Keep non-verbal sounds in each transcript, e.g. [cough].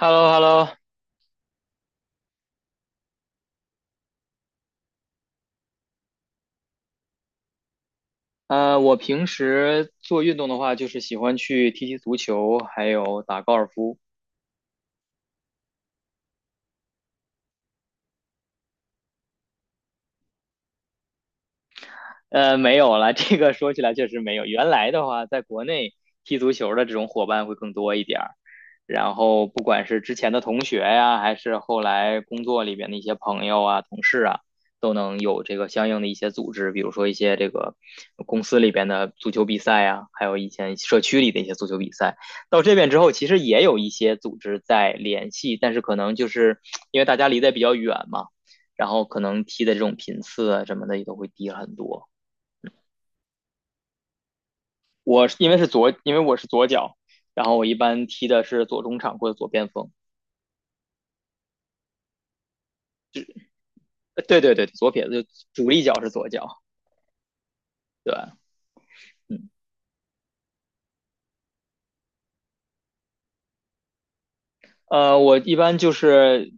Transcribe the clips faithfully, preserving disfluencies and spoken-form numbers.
h e l l o h e l l o 呃，我平时做运动的话，就是喜欢去踢踢足球，还有打高尔夫。呃，没有了，这个说起来确实没有。原来的话，在国内踢足球的这种伙伴会更多一点儿，然后不管是之前的同学呀，还是后来工作里边的一些朋友啊、同事啊，都能有这个相应的一些组织，比如说一些这个公司里边的足球比赛啊，还有以前社区里的一些足球比赛。到这边之后，其实也有一些组织在联系，但是可能就是因为大家离得比较远嘛，然后可能踢的这种频次啊什么的也都会低很多。我是因为是左，因为我是左脚，然后我一般踢的是左中场或者左边锋。呃对对对，左撇子，主力脚是左脚。对，嗯。呃，我一般就是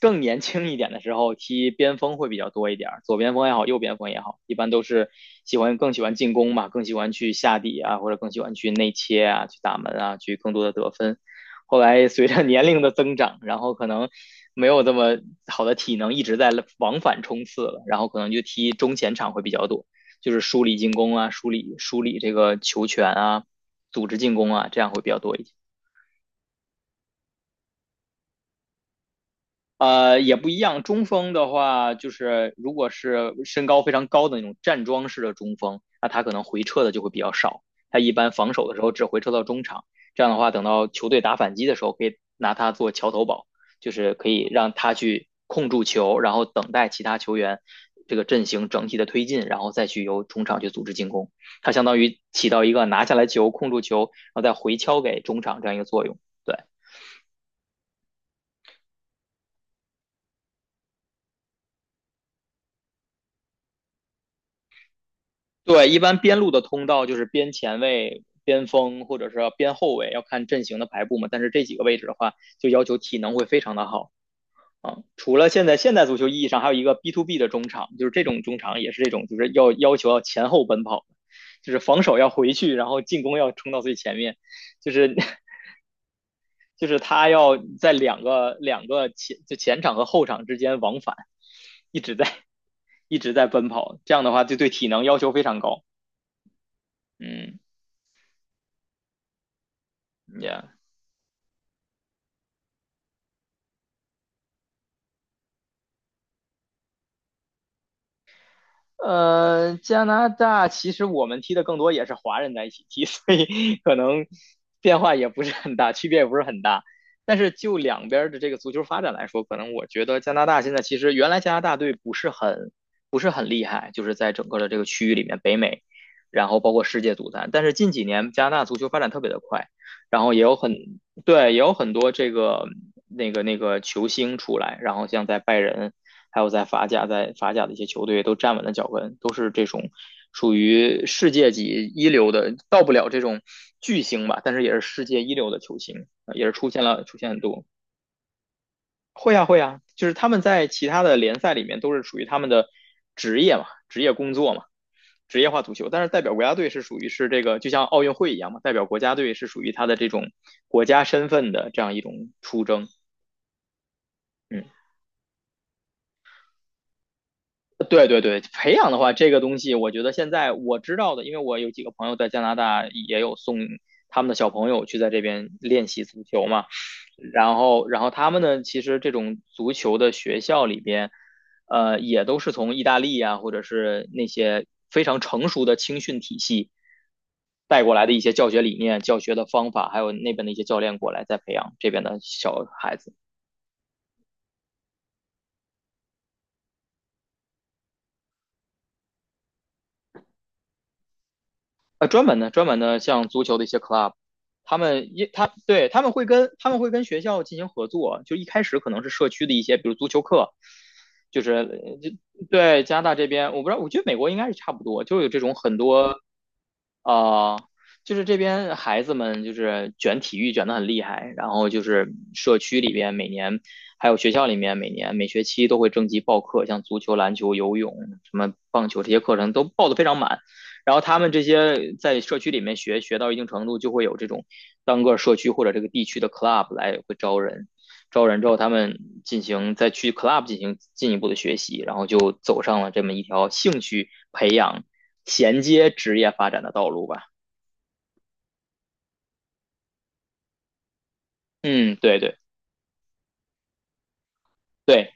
更年轻一点的时候踢边锋会比较多一点儿，左边锋也好，右边锋也好，一般都是喜欢更喜欢进攻嘛，更喜欢去下底啊，或者更喜欢去内切啊，去打门啊，去更多的得分。后来随着年龄的增长，然后可能没有这么好的体能一直在往返冲刺了，然后可能就踢中前场会比较多，就是梳理进攻啊，梳理梳理这个球权啊，组织进攻啊，这样会比较多一些。呃，也不一样。中锋的话，就是如果是身高非常高的那种站桩式的中锋，那他可能回撤的就会比较少。他一般防守的时候只回撤到中场，这样的话，等到球队打反击的时候，可以拿他做桥头堡，就是可以让他去控住球，然后等待其他球员这个阵型整体的推进，然后再去由中场去组织进攻。他相当于起到一个拿下来球、控住球，然后再回敲给中场这样一个作用。对。对，一般边路的通道就是边前卫、边锋或者是边后卫，要看阵型的排布嘛。但是这几个位置的话，就要求体能会非常的好啊。除了现在现代足球意义上，还有一个 B to B 的中场，就是这种中场也是这种，就是要要求要前后奔跑，就是防守要回去，然后进攻要冲到最前面，就是 [laughs] 就是他要在两个两个前就前场和后场之间往返，一直在一直在奔跑，这样的话就对体能要求非常高。嗯，Yeah。呃，加拿大其实我们踢的更多也是华人在一起踢，[laughs] 所以可能变化也不是很大，区别也不是很大。但是就两边的这个足球发展来说，可能我觉得加拿大现在其实原来加拿大队不是很不是很厉害，就是在整个的这个区域里面，北美，然后包括世界足坛。但是近几年加拿大足球发展特别的快，然后也有很对，也有很多这个那个那个球星出来，然后像在拜仁。还有在法甲，在法甲的一些球队都站稳了脚跟，都是这种属于世界级一流的，到不了这种巨星吧，但是也是世界一流的球星，呃也是出现了出现很多。会啊会啊，就是他们在其他的联赛里面都是属于他们的职业嘛，职业工作嘛，职业化足球。但是代表国家队是属于是这个，就像奥运会一样嘛，代表国家队是属于他的这种国家身份的这样一种出征。嗯。对对对，培养的话，这个东西我觉得现在我知道的，因为我有几个朋友在加拿大也有送他们的小朋友去在这边练习足球嘛，然后然后他们呢，其实这种足球的学校里边，呃，也都是从意大利啊，或者是那些非常成熟的青训体系带过来的一些教学理念、教学的方法，还有那边的一些教练过来再培养这边的小孩子。呃，专门的专门的像足球的一些 club，他们一他对他们会跟他们会跟学校进行合作，就一开始可能是社区的一些，比如足球课，就是呃就对加拿大这边，我不知道，我觉得美国应该是差不多，就有这种很多啊、就是这边孩子们就是卷体育卷的很厉害，然后就是社区里边每年，还有学校里面每年每学期都会征集报课，像足球、篮球、游泳、什么棒球这些课程都报的非常满。然后他们这些在社区里面学学到一定程度，就会有这种单个社区或者这个地区的 club 来会招人，招人之后他们进行再去 club 进行进一步的学习，然后就走上了这么一条兴趣培养。衔接职业发展的道路吧。嗯，对对对，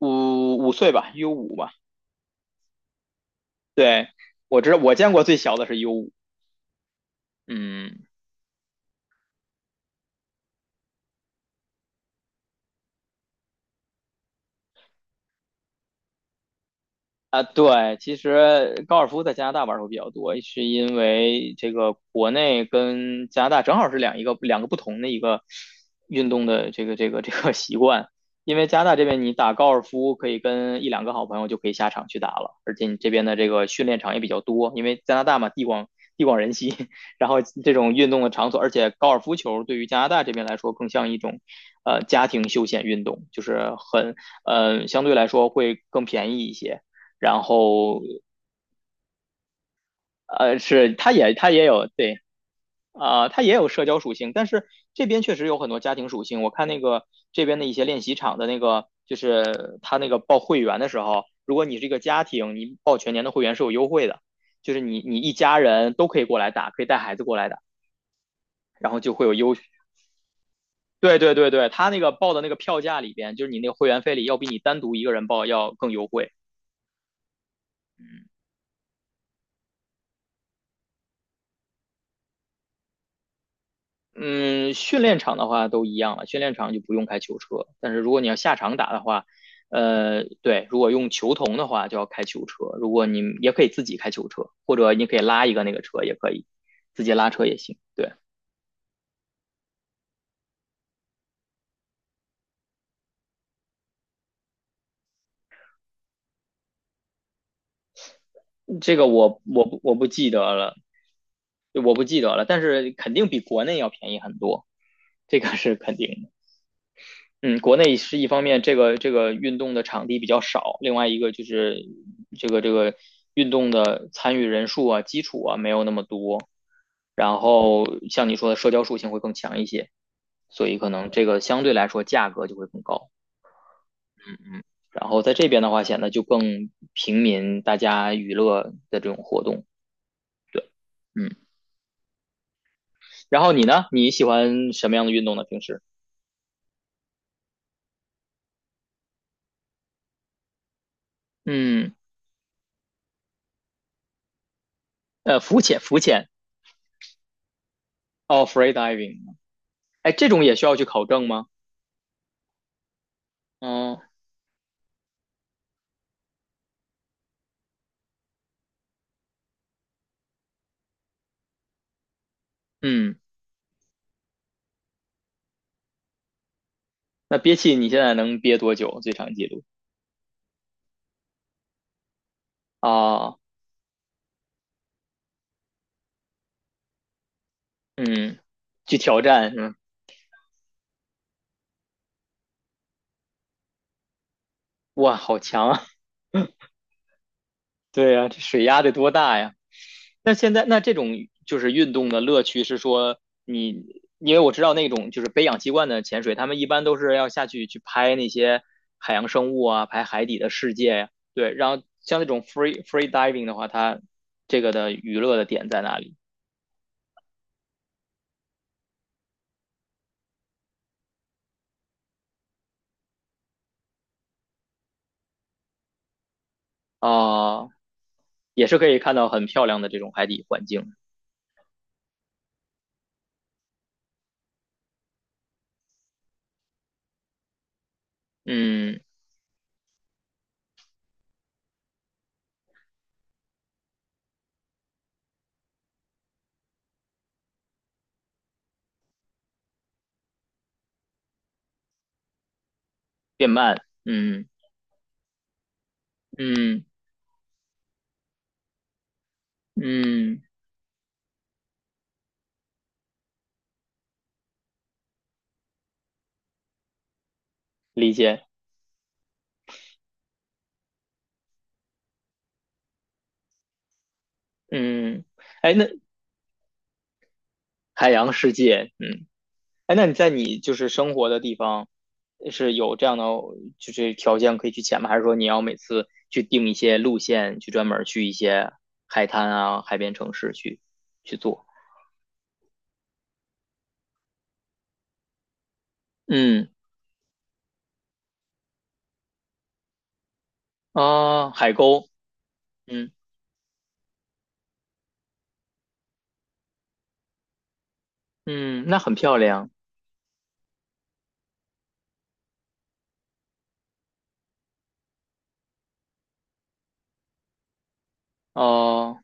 五五岁吧，U 五吧。对，我知道，我见过最小的是 U 五。嗯，啊，对，其实高尔夫在加拿大玩的会比较多，是因为这个国内跟加拿大正好是两一个两个不同的一个运动的这个这个这个 [laughs] 习惯。因为加拿大这边你打高尔夫可以跟一两个好朋友就可以下场去打了，而且你这边的这个训练场也比较多，因为加拿大嘛地广地广人稀，[laughs] 然后这种运动的场所，而且高尔夫球对于加拿大这边来说更像一种呃家庭休闲运动，就是很呃相对来说会更便宜一些。然后呃是它也它也有对啊、呃它也有社交属性，但是这边确实有很多家庭属性。我看那个这边的一些练习场的那个，就是他那个报会员的时候，如果你是一个家庭，你报全年的会员是有优惠的，就是你你一家人都可以过来打，可以带孩子过来打，然后就会有优。对对对对，他那个报的那个票价里边，就是你那个会员费里，要比你单独一个人报要更优惠。嗯，训练场的话都一样了，训练场就不用开球车。但是如果你要下场打的话，呃，对，如果用球童的话就要开球车。如果你也可以自己开球车，或者你可以拉一个那个车也可以，自己拉车也行。对，这个我我不我不记得了，我不记得了，但是肯定比国内要便宜很多，这个是肯定的。嗯，国内是一方面，这个这个运动的场地比较少，另外一个就是这个这个运动的参与人数啊、基础啊没有那么多，然后像你说的社交属性会更强一些，所以可能这个相对来说价格就会更高。嗯，然后在这边的话显得就更平民，大家娱乐的这种活动。嗯，然后你呢？你喜欢什么样的运动呢？平时？嗯，呃，浮潜，浮潜，哦，freediving，哎，这种也需要去考证吗？嗯。嗯，那憋气你现在能憋多久？最长记录啊，嗯，去挑战是吗？哇，好强啊！[laughs] 对呀，这水压得多大呀？那现在那这种就是运动的乐趣是说你，因为我知道那种就是背氧气罐的潜水，他们一般都是要下去去拍那些海洋生物啊，拍海底的世界呀。对，然后像那种 free free diving 的话，它这个的娱乐的点在哪里？啊，也是可以看到很漂亮的这种海底环境。嗯。变慢，嗯嗯嗯，理解，嗯，哎，那海洋世界，嗯，哎，那你在你就是生活的地方是有这样的就是条件可以去潜吗？还是说你要每次去定一些路线，去专门去一些海滩啊、海边城市去去做？嗯啊，海沟，嗯嗯，那很漂亮哦，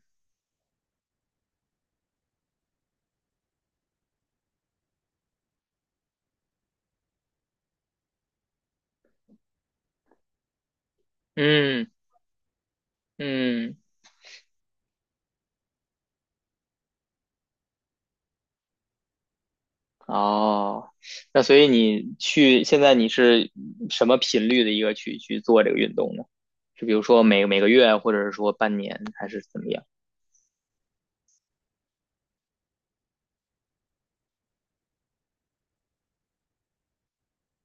嗯嗯。哦，那所以你去，现在你是什么频率的一个去去做这个运动呢？是比如说每每个月，或者是说半年，还是怎么样？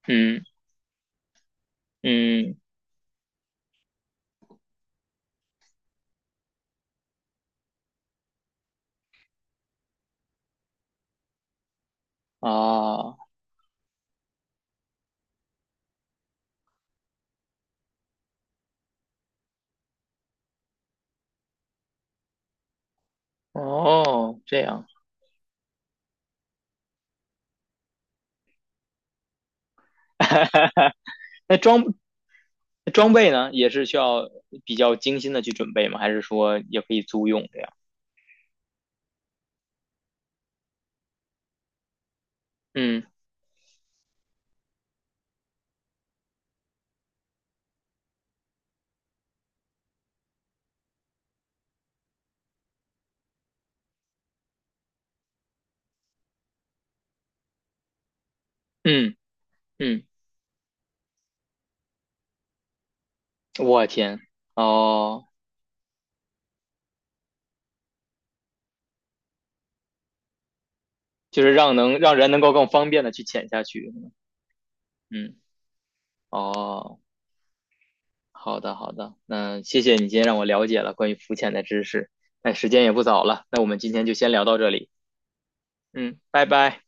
嗯嗯，哦哦，这样。[laughs] 那装装备呢，也是需要比较精心的去准备吗？还是说也可以租用这样？嗯嗯嗯，我天，哦，就是让能让人能够更方便的去潜下去。嗯，哦。好的，好的，那谢谢你今天让我了解了关于浮潜的知识。那时间也不早了，那我们今天就先聊到这里。嗯，拜拜。